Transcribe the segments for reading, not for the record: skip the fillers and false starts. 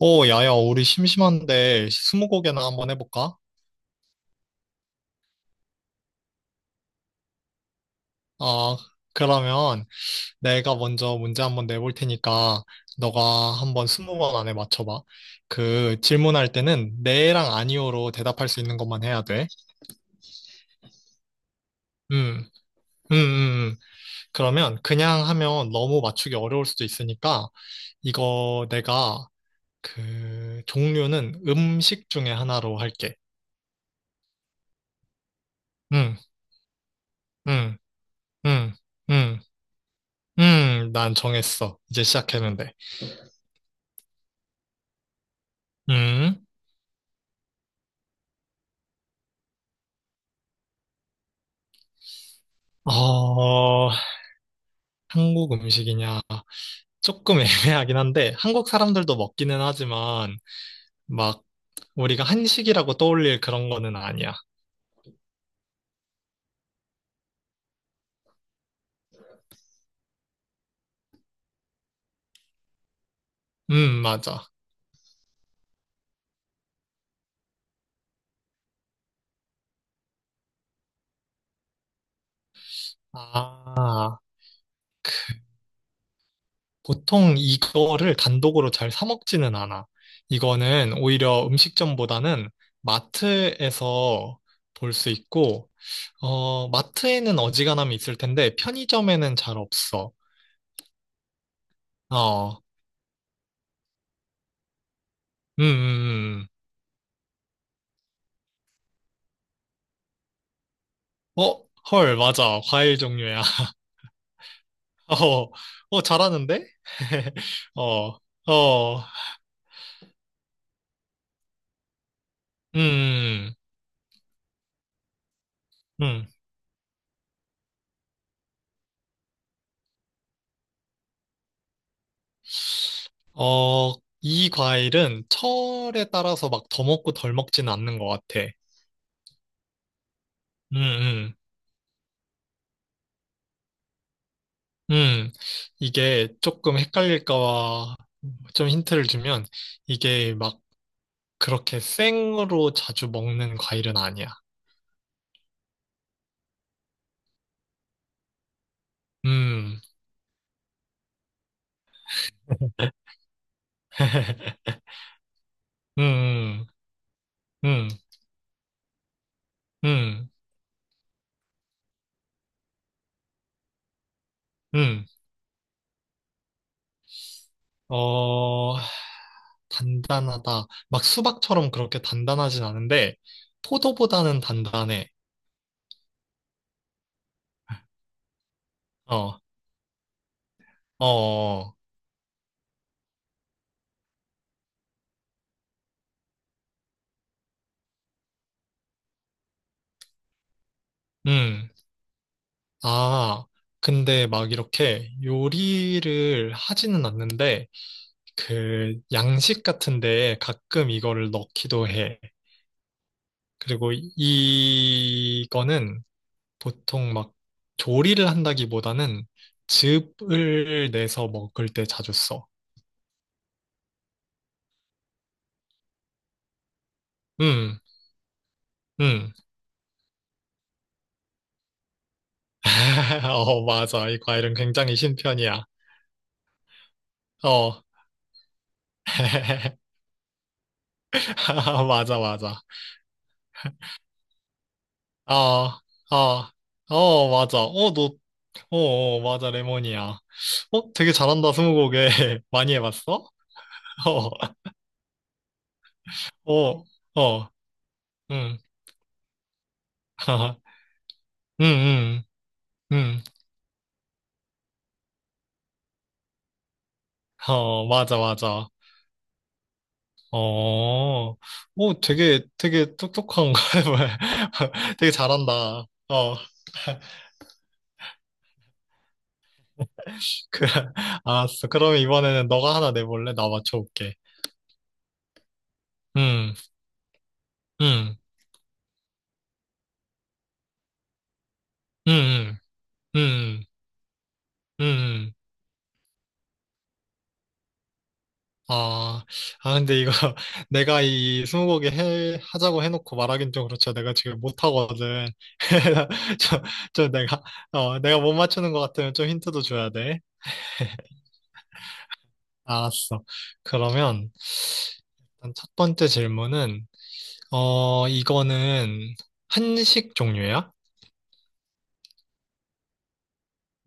오, 야야, 우리 심심한데 스무고개나 한번 해볼까? 아, 그러면 내가 먼저 문제 한번 내볼 테니까 너가 한번 20번 안에 맞춰봐. 그 질문할 때는 네랑 아니오로 대답할 수 있는 것만 해야 돼. 음, 음. 그러면 그냥 하면 너무 맞추기 어려울 수도 있으니까 이거 내가 그 종류는 음식 중에 하나로 할게. 음, 음, 음, 음, 난 정했어. 이제 시작했는데. 음, 어, 한국 음식이냐. 조금 애매하긴 한데, 한국 사람들도 먹기는 하지만, 막, 우리가 한식이라고 떠올릴 그런 거는 아니야. 맞아. 아, 보통 이거를 단독으로 잘 사 먹지는 않아. 이거는 오히려 음식점보다는 마트에서 볼 수 있고, 마트에는 어지간하면 있을 텐데, 편의점에는 잘 없어. 어, 음, 음, 음. 어, 헐, 맞아. 과일 종류야. 어, 어, 잘하는데? 어, 어, 음, 음. 어, 이 과일은 철에 따라서 막 더 먹고 덜 먹지는 않는 것 같아. 음, 음, 음. 이게 조금 헷갈릴까봐 좀 힌트를 주면 이게 막 그렇게 생으로 자주 먹는 과일은 아니야. 음, 음, 음, 음, 음. 음. 어, 단단하다. 막 수박처럼 그렇게 단단하진 않은데, 포도보다는 단단해. 어, 어, 어. 어. 음. 아, 근데 막 이렇게 요리를 하지는 않는데, 그 양식 같은데 가끔 이거를 넣기도 해. 그리고 이거는 보통 막 조리를 한다기보다는 즙을 내서 먹을 때 자주 써. 음, 음. 어, 맞아. 이 과일은 굉장히 신편이야. 어. 맞아, 맞아. 어, 어, 어, 맞아. 어, 너, 어, 어, 맞아. 레몬이야. 어, 되게 잘한다, 스무고개. 많이 해봤어? 어, 어, 어, 응. 응, 응, 응. 어, 맞아, 맞아. 어, 오, 되게, 되게 똑똑한 거야. 되게 잘한다. 어. 그래, 알았어. 그러면 이번에는 너가 하나 내볼래? 나 맞춰볼게. 음, 음, 음, 음, 음, 음. 아, 아, 근데 이거 내가 이 스무고개 하자고 해놓고 말하긴 좀 그렇죠. 내가 지금 못하거든. 저, 저 내가 못 맞추는 것 같으면 좀 힌트도 줘야 돼. 알았어. 그러면 일단 첫 번째 질문은, 이거는 한식 종류야?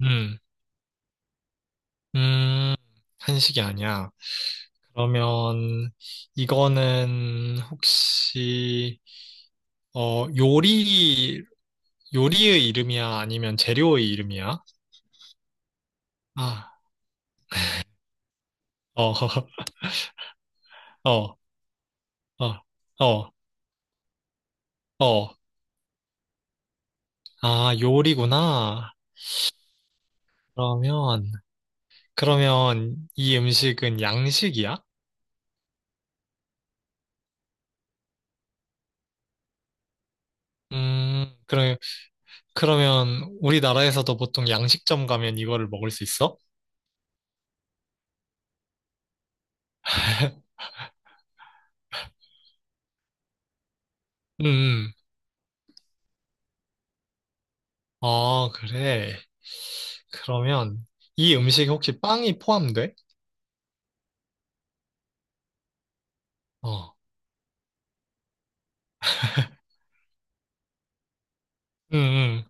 음, 음, 한식이 아니야. 그러면 이거는 혹시 어 요리 요리의 이름이야 아니면 재료의 이름이야? 아, 어, 어, 어, 어, 어. 아, 요리구나. 그러면 그러면 이 음식은 양식이야? 그래, 그러면 우리나라에서도 보통 양식점 가면 이거를 먹을 수 있어? 음, 음. 아, 그래. 그러면 이 음식에 혹시 빵이 포함돼? 어, 응, 응.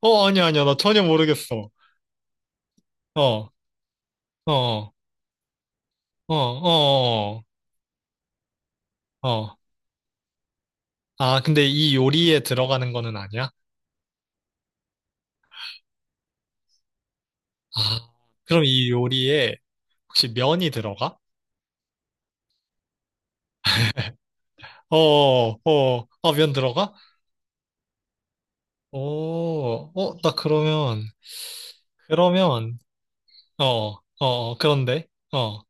어, 아니야, 아니야. 나 전혀 모르겠어. 어, 어, 어, 어, 어. 어. 어. 아, 근데 이 요리에 들어가는 거는 아니야? 아, 그럼 이 요리에 혹시 면이 들어가? 어, 어, 아, 면 들어가? 오, 어, 나 그러면, 그러면, 그런데, 어,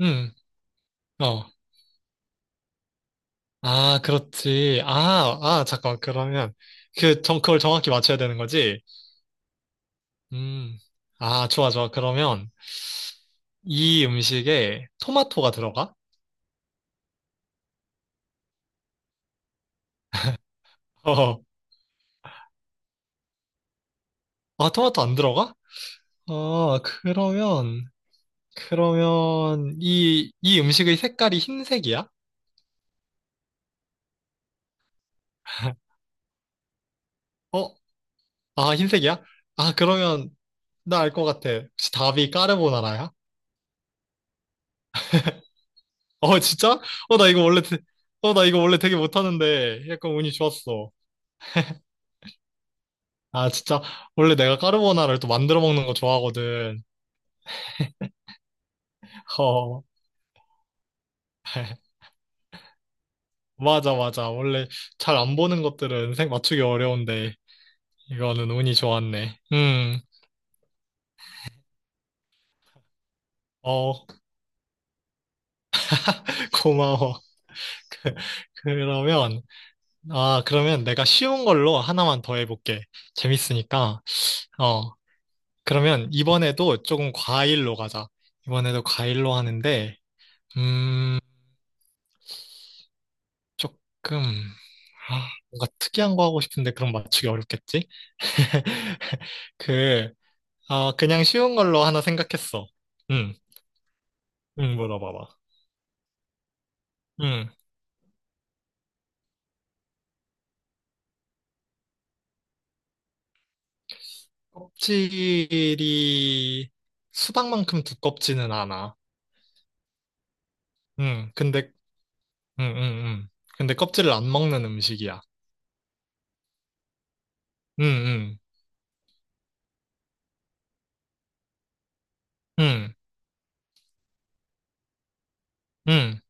음, 어. 아, 그렇지. 아, 아, 잠깐, 그러면, 그걸 정확히 맞춰야 되는 거지? 음, 아, 좋아, 좋아. 그러면, 이 음식에 토마토가 들어가? 어, 아, 토마토 안 들어가? 어, 그러면, 이 음식의 색깔이 흰색이야? 어, 아, 흰색이야? 아, 그러면, 나 알 것 같아. 혹시 답이 까르보나라야? 어, 진짜? 어, 나 이거 원래. 어, 나 이거 원래 되게 못하는데, 약간 운이 좋았어. 아, 진짜? 원래 내가 까르보나라를 또 만들어 먹는 거 좋아하거든. 어, 맞아, 맞아. 원래 잘 안 보는 것들은 색 맞추기 어려운데. 이거는 운이 좋았네. 어, 고마워. 그, 그러면, 그러면 내가 쉬운 걸로 하나만 더 해볼게. 재밌으니까. 어, 그러면 이번에도 조금 과일로 가자. 이번에도 과일로 하는데, 음, 조금, 아, 뭔가 특이한 거 하고 싶은데 그럼 맞추기 어렵겠지? 그, 그냥 쉬운 걸로 하나 생각했어. 응, 응, 물어봐봐. 응. 껍질이 수박만큼 두껍지는 않아. 응, 근데, 응, 응, 응. 근데 껍질을 안 먹는 음식이야. 응, 응, 응, 응.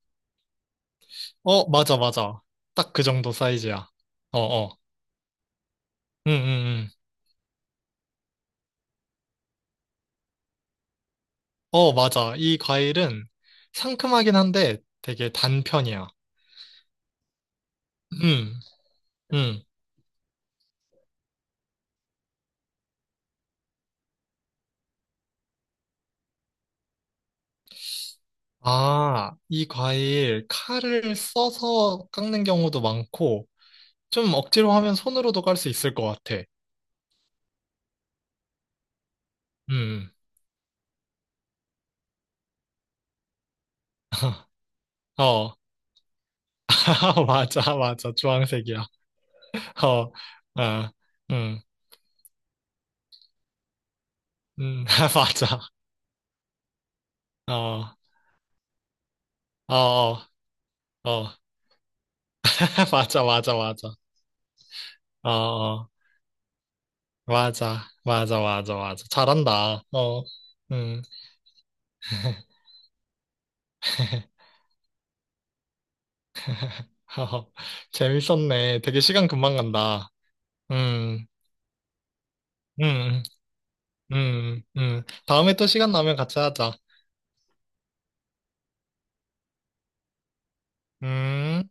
어, 맞아, 맞아. 딱 그 정도 사이즈야. 어, 어. 응, 응, 응. 어, 맞아. 이 과일은 상큼하긴 한데 되게 단편이야. 응, 응. 아, 이 과일 칼을 써서 깎는 경우도 많고, 좀 억지로 하면 손으로도 깔 수 있을 것 같아. 음, 어. 맞아, 맞아. 주황색이야. 어, 어, 음, 음, 맞아. 어, 어, 어, 어. 맞아, 맞아, 맞아. 어, 어, 맞아, 맞아, 맞아, 맞아. 잘한다. 어, 음. 어, 재밌었네. 되게 시간 금방 간다. 음, 음, 다음에 또 시간 나면 같이 하자. 음.